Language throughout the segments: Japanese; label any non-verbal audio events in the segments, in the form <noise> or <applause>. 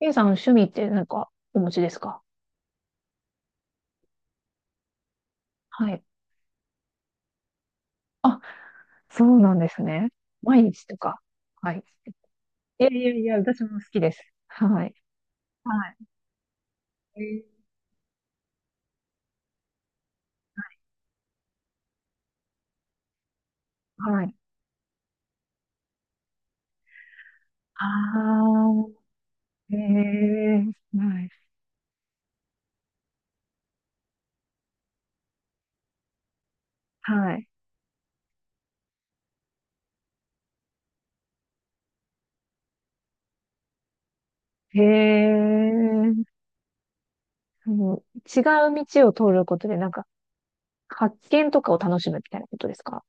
ゆうさん、趣味って何かお持ちですか？はい。あ、そうなんですね。毎日とか。はい。いやいやいや、私も好きです。はい。はい。はい。ああ、へえ、はい。はい。へえ、その違う道を通ることで、なんか、発見とかを楽しむみたいなことですか？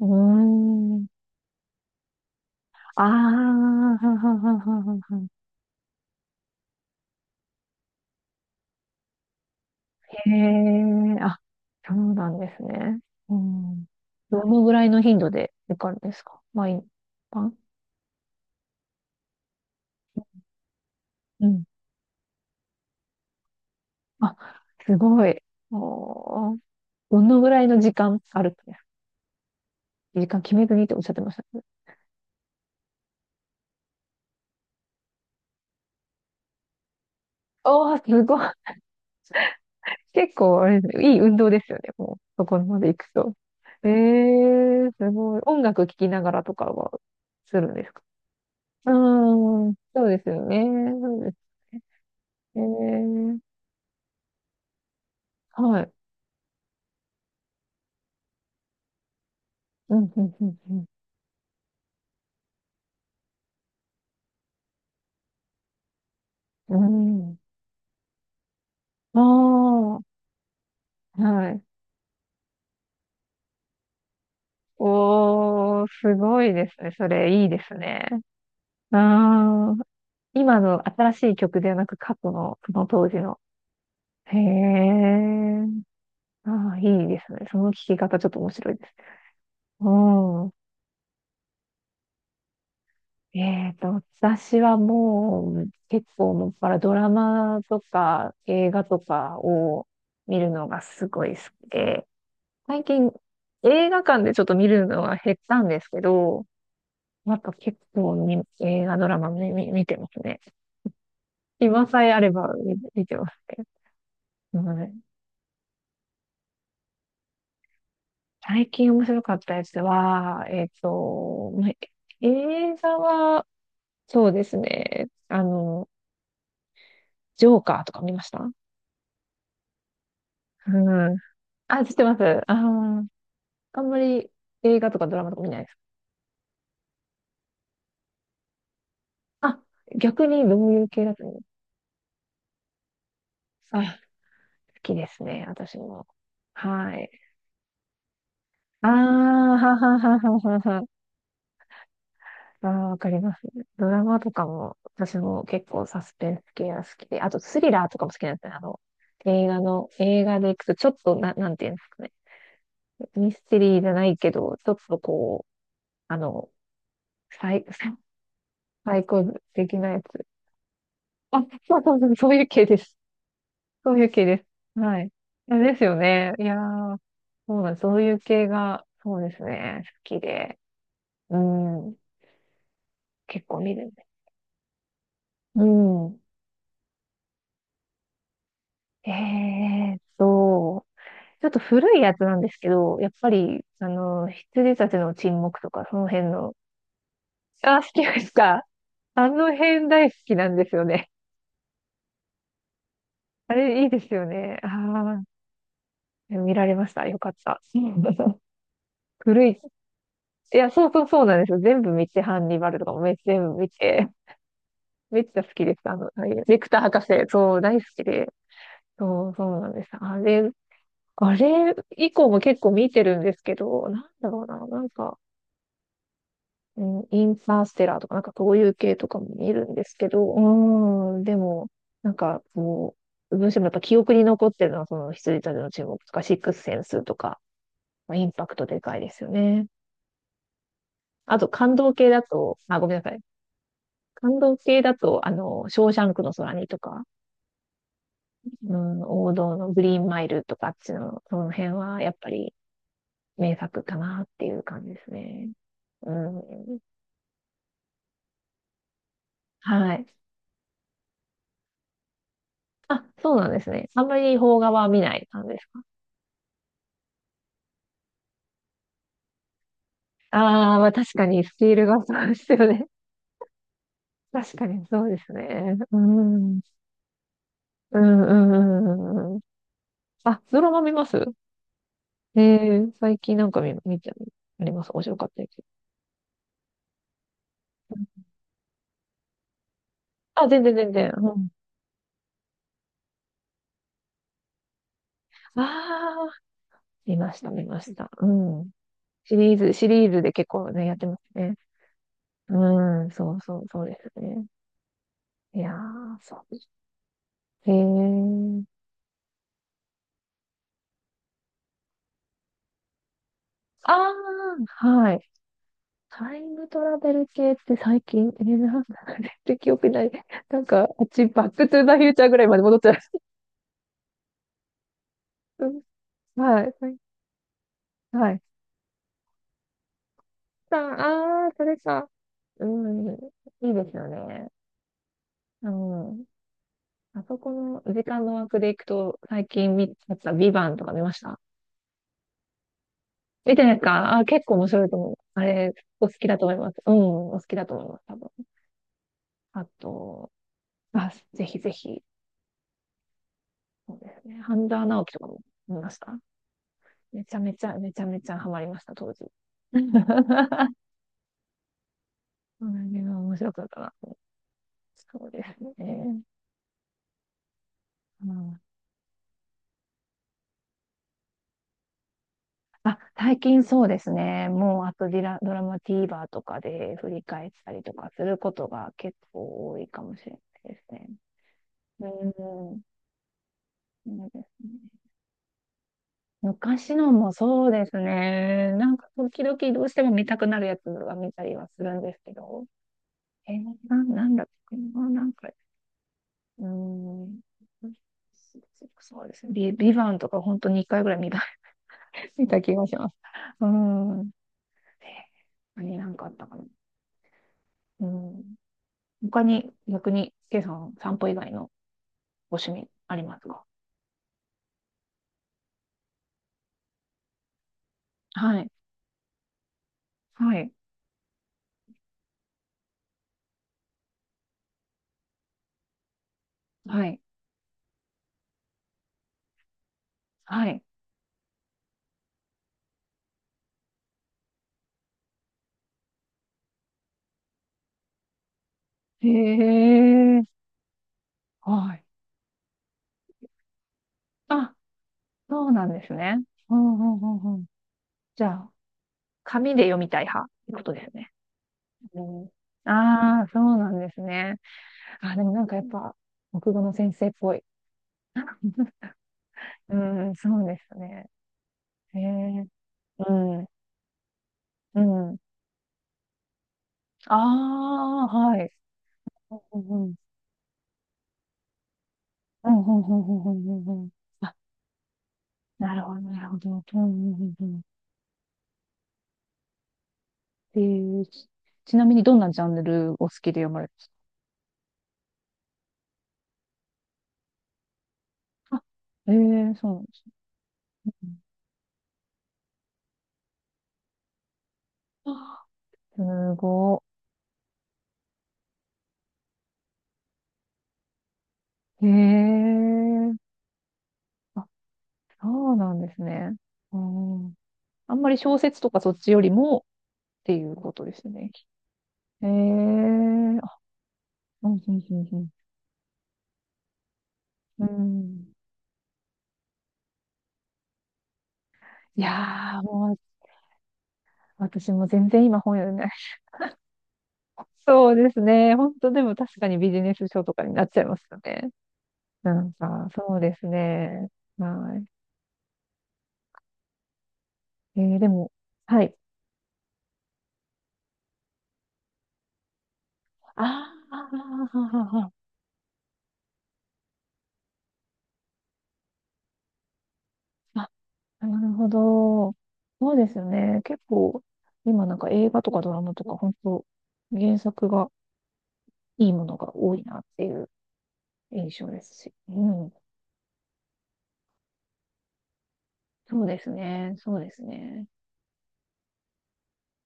うーん。ああ、はははははは。ええあ、そうなんですね。うん。どのぐらいの頻度で行かれるんですか？毎晩？うん。あ、すごい。おー、どのぐらいの時間あるんですか？時間決めずにっておっしゃってましたね。おー、すごい。結構、あれですね、いい運動ですよね。もう、そこまで行くと。ええすごい。音楽聴きながらとかはするんですか？うーん、そうですよね。そうです。ねはい。うん、うん、うん、うん。うん。おー、はい。おー、すごいですね。それ、いいですね。あー、今の新しい曲ではなく、過去の、その当時の。へえ、あー、いいですね。その聞き方、ちょっと面白いですね。うん。えっと、私はもう、結構もっぱらドラマとか映画とかを見るのがすごい好きで、最近映画館でちょっと見るのは減ったんですけど、あと結構ね映画ドラマ見てますね。今さえあれば見てますけど。はい。最近面白かったやつは、映画は、そうですね。ジョーカーとか見ました？うん。あ、知ってます。あー、あんまり映画とかドラマとか見ないです。あ、逆にどういう系だと思う？あ、好きですね、私も。はい。ああ、はははははは。ああ、わかります。ドラマとかも、私も結構サスペンス系が好きで、あとスリラーとかも好きなんですね。映画で行くと、ちょっとな、なんていうんですかね。ミステリーじゃないけど、ちょっとこう、あの、サイ、<laughs> サイコ的なやつ。あ、そうそうそう、そういう系です。そういう系です。はい。いやですよね。いやー、そうなんです。そういう系が、そうですね。好きで。うん。結構見るね。うん。えーっと、ちょっと古いやつなんですけど、やっぱり、羊たちの沈黙とか、その辺の。あ、好きですか？あの辺大好きなんですよね。あれ、いいですよね。ああ、見られました。よかった。うん <laughs> 古い。いや、そうそうそうなんですよ。全部見て、ハンニバルとかもめ全部見て、めっちゃ好きです。はい。レクター博士、そう、大好きで。そう、そうなんです。あれ以降も結構見てるんですけど、なんだろうな、なんか、うん、インターステラーとか、なんかそういう系とかも見るんですけど、うーん、でも、なんかこう、どうしてもやっぱ記憶に残ってるのは、その羊たちの注目とか、シックスセンスとか、まあ、インパクトでかいですよね。あと、感動系だと、あ、ごめんなさい。感動系だと、ショーシャンクの空にとか、うん、王道のグリーンマイルとか、あっちの、その辺は、やっぱり名作かなっていう感じですね。うん、はい。あ、そうなんですね。あんまり邦画は見ない感じですか？ああ、まあ確かに、スピールがそうですよね。<laughs> 確かにそうですね。うん。うんうんうん。あ、ドラマ見ます？ええ最近なんか見、見て、あります。面白かったです。あ、全然全然。うん。ああ、見ました、見ました。うん。シリーズで結構ね、やってますね。うん、そうそう、そうですね。いやー、そうへえ。ああ、はい。タイムトラベル系って最近、なて記憶ない。なんか、あっち、バックトゥーザフューチャーぐらいまで戻っちゃう。うんはい。はい。はいさあ、あー、それか。うん。いいですよね。うん。あそこの時間の枠でいくと、最近見ちゃったビバンとか見ました？見てないですか？あー、結構面白いと思う。あれ、お好きだと思います。うん、お好きだと思います、多分。あと、あ、ぜひぜひ。そうですね。半沢直樹とかも見ました。めちゃめちゃ、めちゃめちゃハマりました、当時。<laughs> それは面白かったな。そうですね。うん、あ、最近そうですね。もう、あとディラ、ドラマ TVer とかで振り返ったりとかすることが結構多いかもしれないですね。うん、そうですね。昔のもそうですね。なんか、時々どうしても見たくなるやつは見たりはするんですけど。なんだっけな、なんか、うーん、そうですね。ビバンとか本当に1回ぐらい見ついた気がします。うん。何かあったかな。うん。他に逆に、ケイさん、散歩以外のご趣味ありますか？はい。はい。はい。はい。へえ。はい。あ、そうなんですね。うんうんうんうん。じゃあ、紙で読みたい派ってことですね？うん、ああ、そうなんですね。あ、でもなんかやっぱ、国語の先生っぽい。うん、そうですね。へえ。うん。うん。ああ、はい。うんうん。うんうんうんうんうんうんうんうんあ、なるほど、なるほど。うんうんうんうん。えー、ちちなみにどんなジャンルを好きで読まれますか？あ、そうなんですね。うん。あ、すごい。あ、そうなんですね。うん。あんまり小説とかそっちよりもっていうことですね。あ、うん、うん、うん、うん。うん。いやー、もう、私も全然今本読んで、そうですね。本当でも確かにビジネス書とかになっちゃいますよね。なんか、そうですね。はい。でも、はい。あーあー、あーあーあ、なるほど。そうですよね。結構、今なんか映画とかドラマとか、本当原作がいいものが多いなっていう印象ですし。うん。そうですね。そうですね。